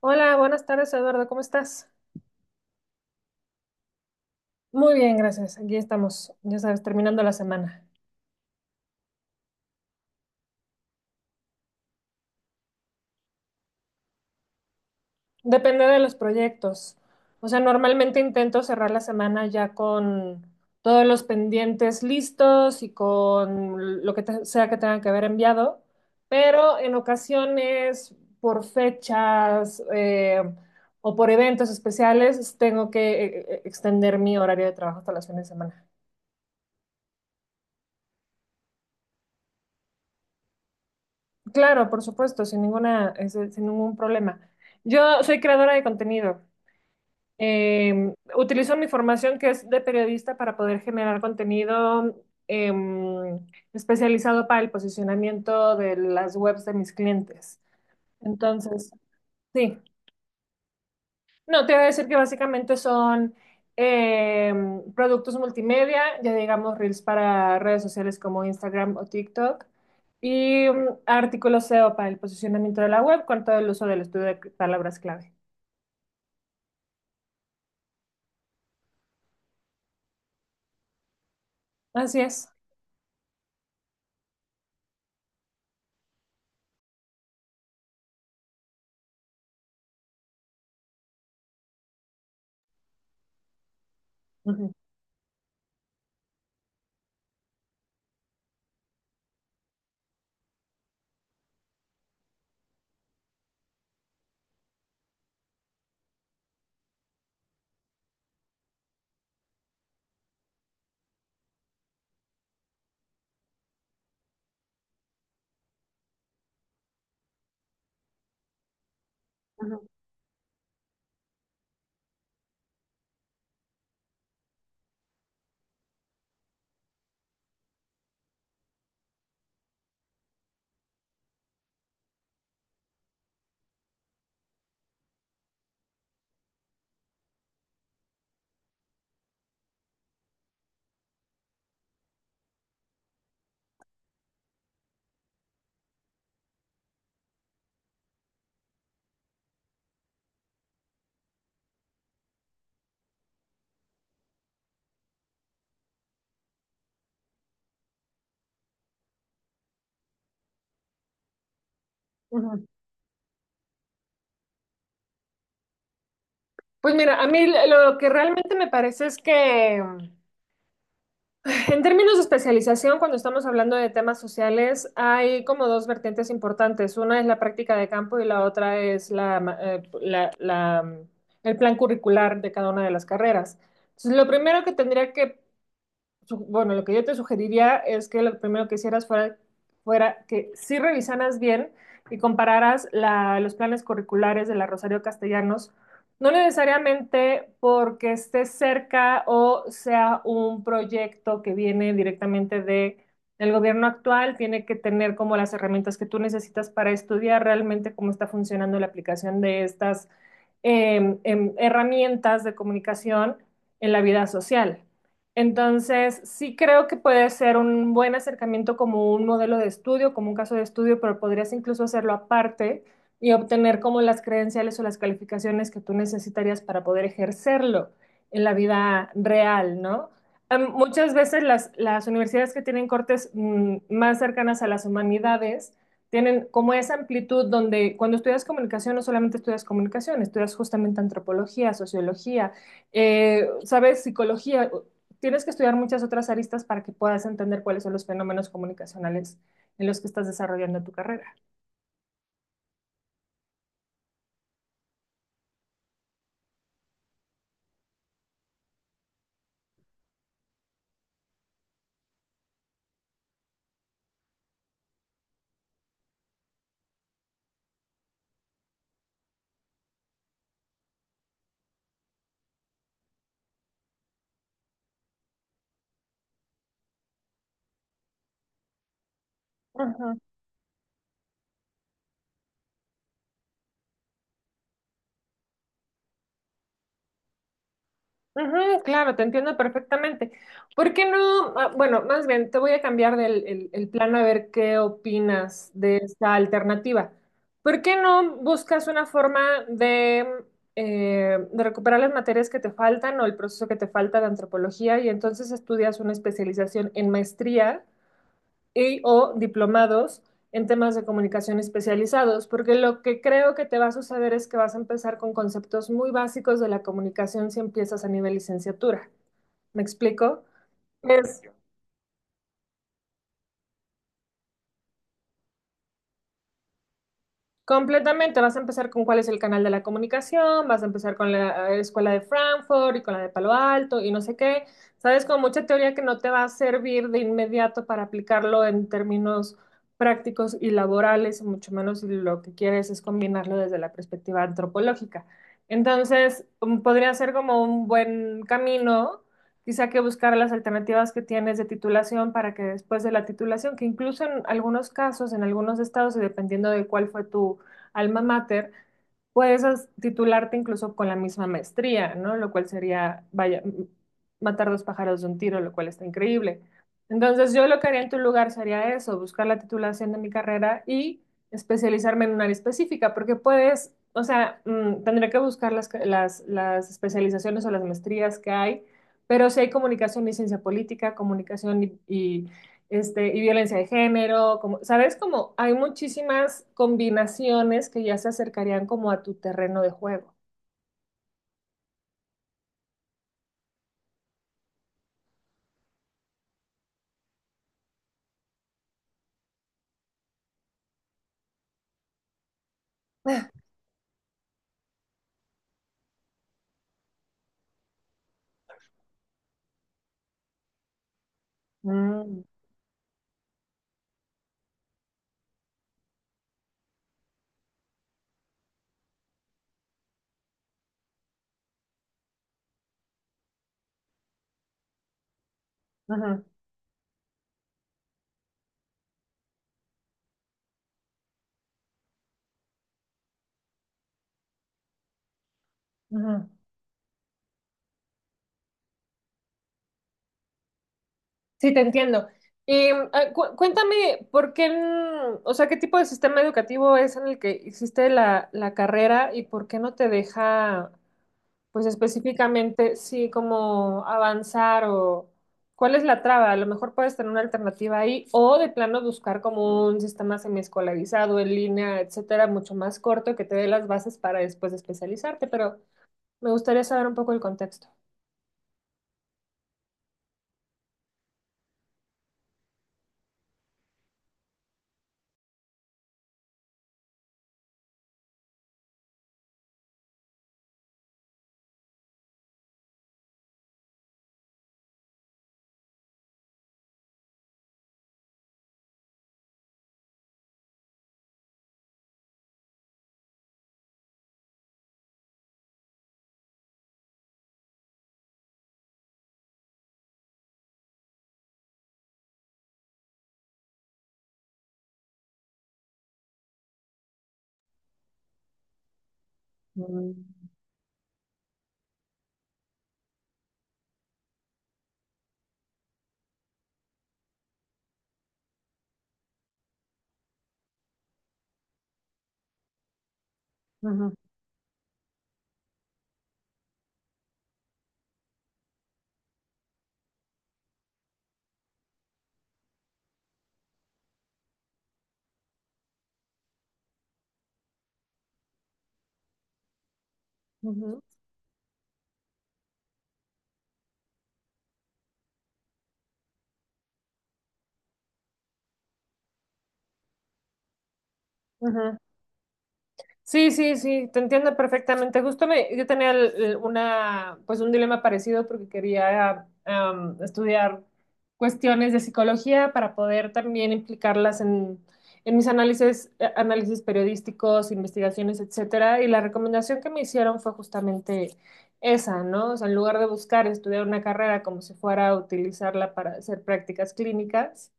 Hola, buenas tardes, Eduardo, ¿cómo estás? Muy bien, gracias. Aquí estamos, ya sabes, terminando la semana. Depende de los proyectos. O sea, normalmente intento cerrar la semana ya con todos los pendientes listos y con lo que sea que tengan que haber enviado, pero en ocasiones, por fechas o por eventos especiales, tengo que extender mi horario de trabajo hasta las fines de semana. Claro, por supuesto, sin ninguna, es- sin ningún problema. Yo soy creadora de contenido. Utilizo mi formación que es de periodista para poder generar contenido eh, especializado para el posicionamiento de las webs de mis clientes. Entonces, sí. No, te iba a decir que básicamente son productos multimedia, ya digamos reels para redes sociales como Instagram o TikTok, y artículos SEO para el posicionamiento de la web con todo el uso del estudio de palabras clave. Así es. Ujú, ujú, ujú. Pues mira, a mí lo que realmente me parece es que. En términos de especialización, cuando estamos hablando de temas sociales, hay como dos vertientes importantes. Una es la práctica de campo y la otra es la el plan curricular de cada una de las carreras. Entonces, lo primero que bueno, lo que yo te sugeriría es que lo primero que hicieras fuera que sí revisaras bien y compararas los planes curriculares de la Rosario Castellanos, no necesariamente porque esté cerca o sea un proyecto que viene directamente de el gobierno actual, tiene que tener como las herramientas que tú necesitas para estudiar realmente cómo está funcionando la aplicación de estas herramientas de comunicación en la vida social. Entonces, sí creo que puede ser un buen acercamiento como un modelo de estudio, como un caso de estudio, pero podrías incluso hacerlo aparte y obtener como las credenciales o las calificaciones que tú necesitarías para poder ejercerlo en la vida real, ¿no? Muchas veces las universidades que tienen cortes más cercanas a las humanidades tienen como esa amplitud donde cuando estudias comunicación no solamente estudias comunicación, estudias justamente antropología, sociología, ¿sabes? Psicología. Tienes que estudiar muchas otras aristas para que puedas entender cuáles son los fenómenos comunicacionales en los que estás desarrollando tu carrera. Ujú, ujú, claro, te entiendo perfectamente. ¿Por qué no? Ah, bueno, más bien, te voy a cambiar del el plano a ver qué opinas de esta alternativa. ¿Por qué no buscas una forma de recuperar las materias que te faltan o el proceso que te falta de antropología y entonces estudias una especialización en maestría? Y o diplomados en temas de comunicación especializados, porque lo que creo que te va a suceder es que vas a empezar con conceptos muy básicos de la comunicación si empiezas a nivel licenciatura. ¿Me explico? Es Completamente, vas a empezar con cuál es el canal de la comunicación, vas a empezar con la escuela de Frankfurt y con la de Palo Alto y no sé qué, sabes, con mucha teoría que no te va a servir de inmediato para aplicarlo en términos prácticos y laborales, mucho menos si lo que quieres es combinarlo desde la perspectiva antropológica. Entonces, podría ser como un buen camino. Quizá que buscar las alternativas que tienes de titulación para que después de la titulación, que incluso en algunos casos, en algunos estados, y dependiendo de cuál fue tu alma mater, puedes titularte incluso con la misma maestría, ¿no? Lo cual sería, vaya, matar dos pájaros de un tiro, lo cual está increíble. Entonces, yo lo que haría en tu lugar sería eso, buscar la titulación de mi carrera y especializarme en un área específica, porque puedes, o sea, tendría que buscar las especializaciones o las maestrías que hay, pero sí hay comunicación y ciencia política, comunicación y violencia de género, como, ¿sabes? Como hay muchísimas combinaciones que ya se acercarían como a tu terreno de juego. Mm, ujú, ujú. Sí, te entiendo. Y mm, ah, cuéntame, ¿por qué, o sea, qué tipo de sistema educativo es en el que hiciste la carrera y por qué no te deja? Pues específicamente, sí, como avanzar o cuál es la traba. A lo mejor puedes tener una alternativa ahí o de plano buscar como un sistema semiescolarizado en línea, etcétera, mucho más corto que te dé las bases para después especializarte, pero me gustaría saber un poco el contexto. Mm. Ujú, ujú, ujú. Sí, sí, sí, te entiendo perfectamente. Justo me, yo tenía una, pues un dilema parecido porque quería estudiar cuestiones de psicología para poder también implicarlas en mis análisis, análisis periodísticos, investigaciones, etcétera. Y la recomendación que me hicieron fue justamente esa, ¿no? O sea, en lugar de buscar estudiar una carrera como si fuera a utilizarla para hacer prácticas clínicas,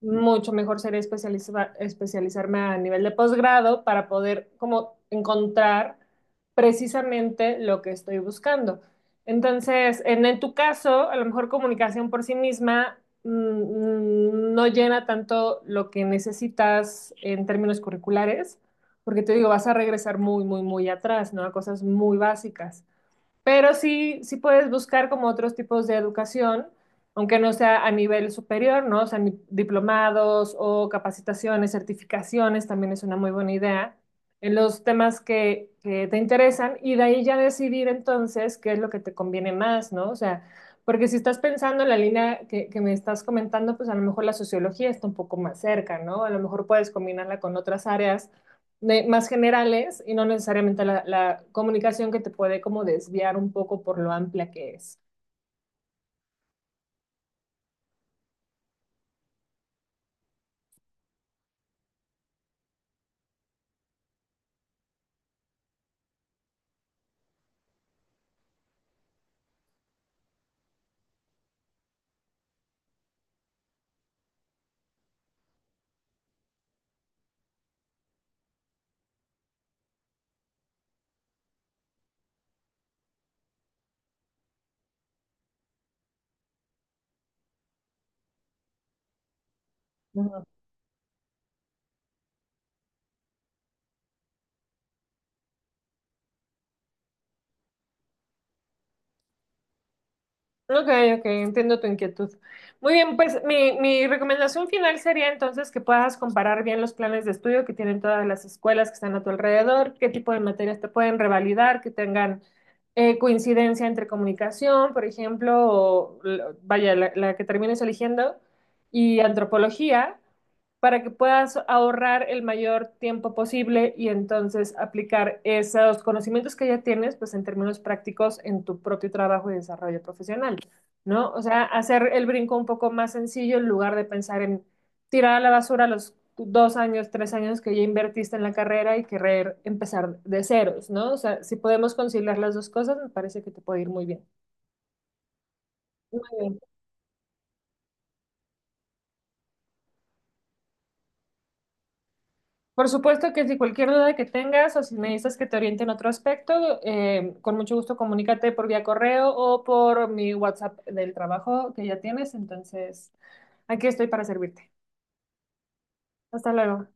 mucho mejor sería especializarme a nivel de posgrado para poder como encontrar precisamente lo que estoy buscando. Entonces, en tu caso, a lo mejor comunicación por sí misma, no llena tanto lo que necesitas en términos curriculares, porque te digo, vas a regresar muy, muy, muy atrás, ¿no? A cosas muy básicas. Pero sí, sí puedes buscar como otros tipos de educación, aunque no sea a nivel superior, ¿no? O sea, diplomados o capacitaciones, certificaciones, también es una muy buena idea en los temas que te interesan y de ahí ya decidir entonces qué es lo que te conviene más, ¿no? O sea, porque si estás pensando en la línea que me estás comentando, pues a lo mejor la sociología está un poco más cerca, ¿no? A lo mejor puedes combinarla con otras áreas más generales y no necesariamente la comunicación que te puede como desviar un poco por lo amplia que es. Ok, ok, entiendo tu inquietud. Muy bien, pues mi recomendación final sería entonces que puedas comparar bien los planes de estudio que tienen todas las escuelas que están a tu alrededor, qué tipo de materias te pueden revalidar, que tengan coincidencia entre comunicación, por ejemplo, o vaya, la que termines eligiendo, y antropología, para que puedas ahorrar el mayor tiempo posible y entonces aplicar esos conocimientos que ya tienes, pues en términos prácticos en tu propio trabajo y desarrollo profesional. ¿No? O sea, hacer el brinco un poco más sencillo en lugar de pensar en tirar a la basura los dos años, tres años que ya invertiste en la carrera y querer empezar de ceros, ¿no? O sea, si podemos conciliar las dos cosas, me parece que te puede ir muy bien. Muy bien. Por supuesto que si cualquier duda que tengas o si necesitas que te oriente en otro aspecto, con mucho gusto comunícate por vía correo o por mi WhatsApp del trabajo que ya tienes. Entonces, aquí estoy para servirte. Hasta luego.